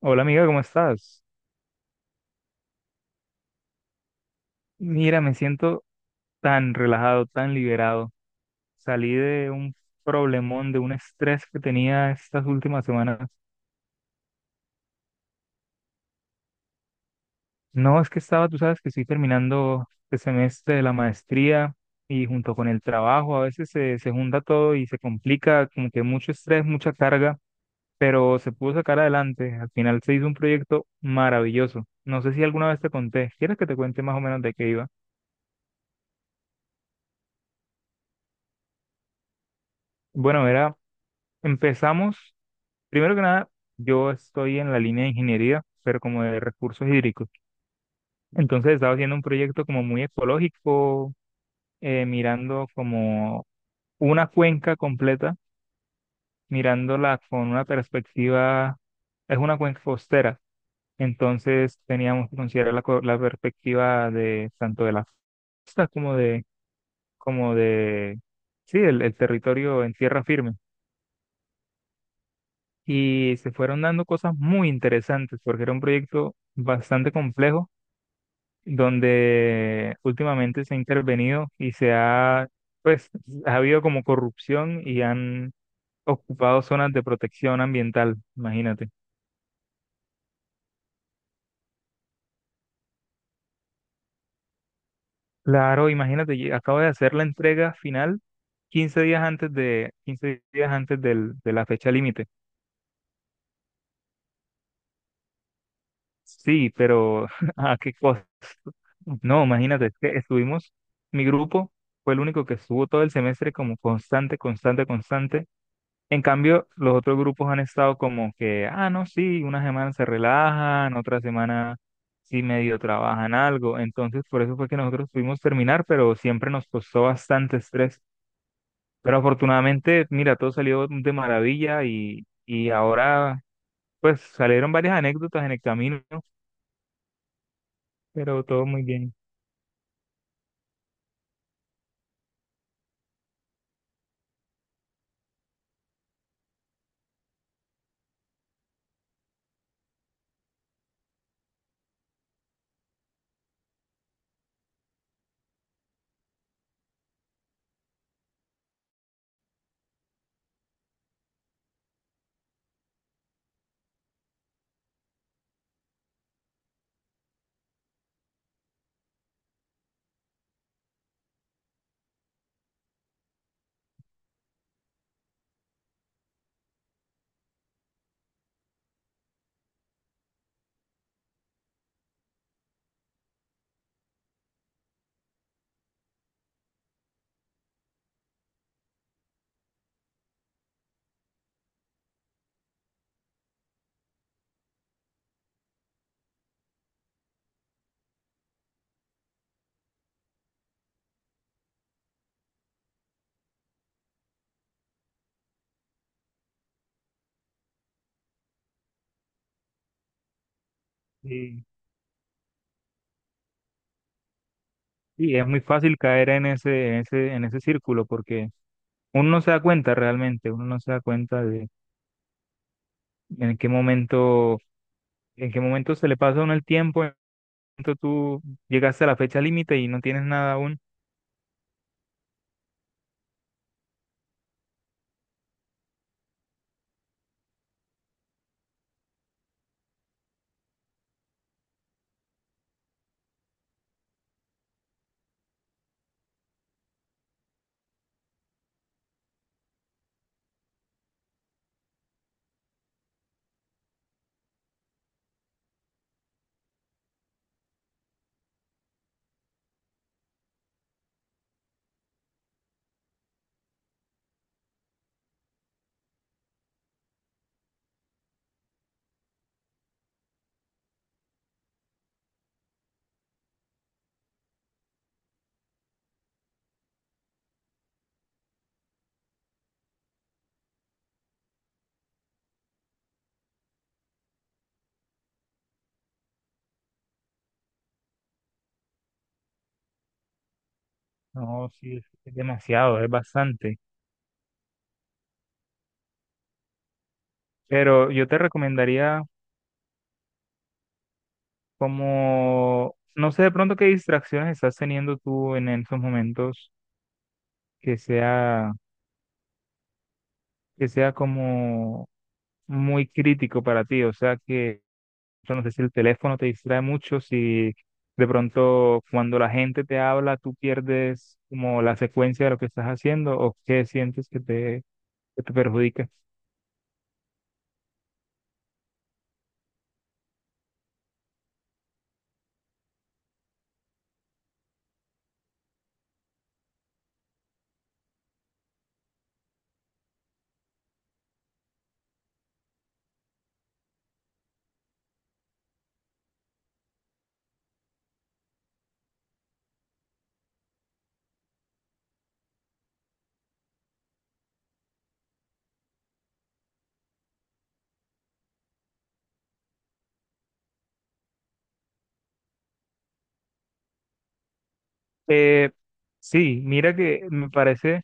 Hola amiga, ¿cómo estás? Mira, me siento tan relajado, tan liberado. Salí de un problemón, de un estrés que tenía estas últimas semanas. No, es que estaba, tú sabes que estoy terminando el semestre de la maestría y junto con el trabajo a veces se junta todo y se complica, como que mucho estrés, mucha carga, pero se pudo sacar adelante. Al final se hizo un proyecto maravilloso. No sé si alguna vez te conté. ¿Quieres que te cuente más o menos de qué iba? Bueno, empezamos. Primero que nada, yo estoy en la línea de ingeniería, pero como de recursos hídricos. Entonces estaba haciendo un proyecto como muy ecológico, mirando como una cuenca completa, mirándola con una perspectiva, es una cuenca costera. Entonces teníamos que considerar la perspectiva de tanto de la costa como de, sí, el territorio en tierra firme. Y se fueron dando cosas muy interesantes porque era un proyecto bastante complejo donde últimamente se ha intervenido y pues, ha habido como corrupción y han ocupado zonas de protección ambiental, imagínate. Claro, imagínate, y acabo de hacer la entrega final 15 días antes de la fecha límite. Sí, pero ¿a qué costo? No, imagínate, es que estuvimos, mi grupo fue el único que estuvo todo el semestre como constante, constante, constante, en cambio, los otros grupos han estado como que, ah, no, sí, una semana se relajan, otra semana sí medio trabajan algo. Entonces, por eso fue que nosotros pudimos terminar, pero siempre nos costó bastante estrés. Pero afortunadamente, mira, todo salió de maravilla y ahora, pues, salieron varias anécdotas en el camino, pero todo muy bien. Y, y es muy fácil caer en ese círculo porque uno no se da cuenta realmente, uno no se da cuenta de en qué momento ¿En qué momento se le pasa a uno el tiempo? ¿En qué momento tú llegaste a la fecha límite y no tienes nada aún? No, sí, es demasiado, es bastante. Pero yo te recomendaría como, no sé de pronto qué distracciones estás teniendo tú en esos momentos que sea, que sea como muy crítico para ti, o sea que yo no sé si el teléfono te distrae mucho, si de pronto cuando la gente te habla tú pierdes como la secuencia de lo que estás haciendo o qué sientes que te, perjudica. Eh, sí, mira que me parece, o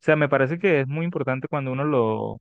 sea, me parece que es muy importante cuando uno lo,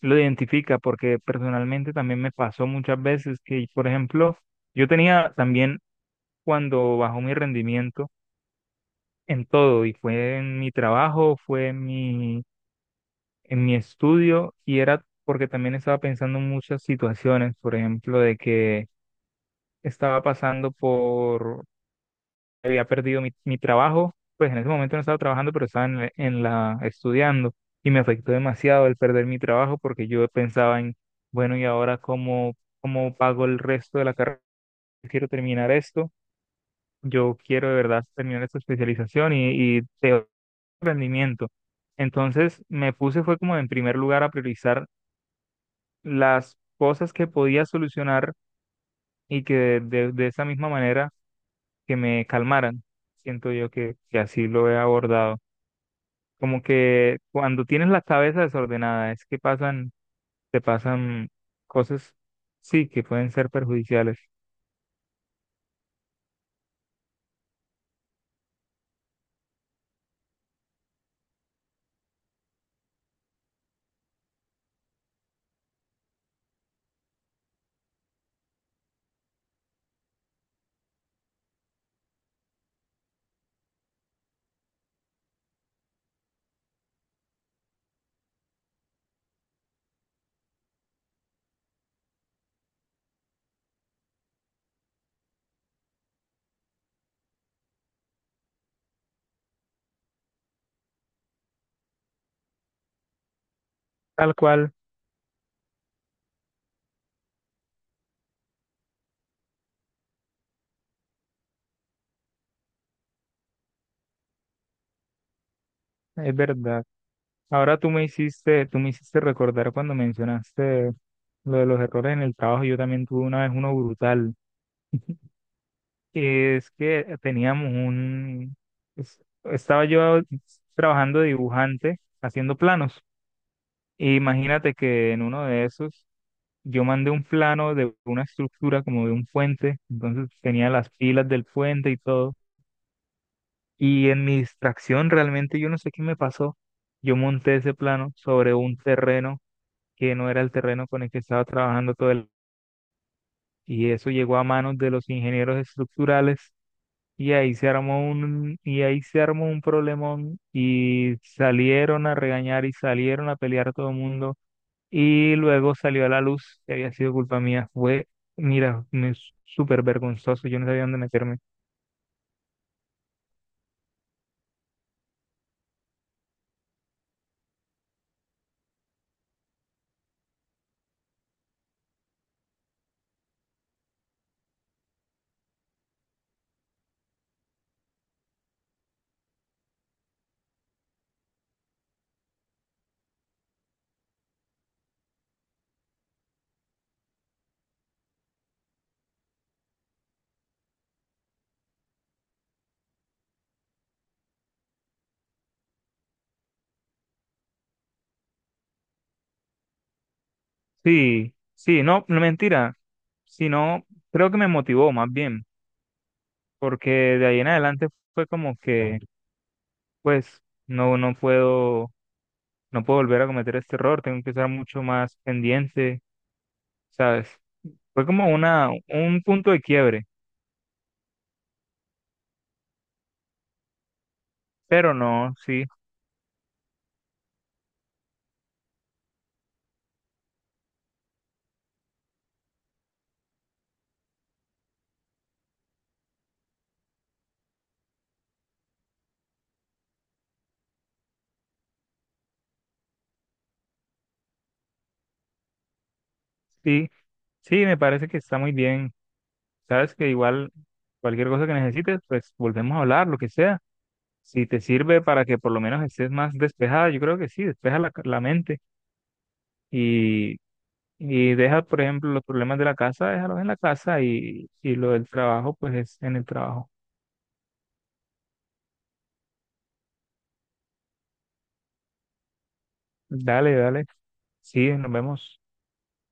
lo identifica, porque personalmente también me pasó muchas veces que, por ejemplo, yo tenía también cuando bajó mi rendimiento en todo, y fue en mi trabajo, fue en mi estudio y era porque también estaba pensando en muchas situaciones, por ejemplo, de que estaba pasando por, había perdido mi trabajo, pues en ese momento no estaba trabajando, pero estaba en la estudiando y me afectó demasiado el perder mi trabajo porque yo pensaba en, bueno, ¿y ahora cómo pago el resto de la carrera? Quiero terminar esto, yo quiero de verdad terminar esta especialización y de rendimiento. Entonces me puse fue como en primer lugar a priorizar las cosas que podía solucionar y que de esa misma manera que me calmaran. Siento yo que así lo he abordado. Como que cuando tienes la cabeza desordenada, es que te pasan cosas, sí, que pueden ser perjudiciales. Tal cual, es verdad. Ahora tú me hiciste recordar cuando mencionaste lo de los errores en el trabajo. Yo también tuve una vez uno brutal. Es que estaba yo trabajando de dibujante, haciendo planos. E imagínate que en uno de esos yo mandé un plano de una estructura como de un puente, entonces tenía las pilas del puente y todo. Y en mi distracción realmente yo no sé qué me pasó. Yo monté ese plano sobre un terreno que no era el terreno con el que estaba trabajando todo el. Y eso llegó a manos de los ingenieros estructurales. Y ahí se armó un problemón y salieron a regañar y salieron a pelear todo el mundo y luego salió a la luz que había sido culpa mía. Mira, me súper vergonzoso, yo no sabía dónde meterme. Sí, sí, no, no mentira, sino creo que me motivó más bien, porque de ahí en adelante fue como que, pues, no, no puedo volver a cometer este error, tengo que estar mucho más pendiente, ¿sabes? Fue como un punto de quiebre, pero no, sí, sí, sí, me parece que está muy bien. Sabes que igual cualquier cosa que necesites, pues volvemos a hablar, lo que sea. Si te sirve para que por lo menos estés más despejada, yo creo que sí, despeja la mente y, y deja, por ejemplo, los problemas de la casa, déjalos en la casa y lo del trabajo, pues es en el trabajo. Dale, dale, sí, nos vemos.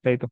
Chaito.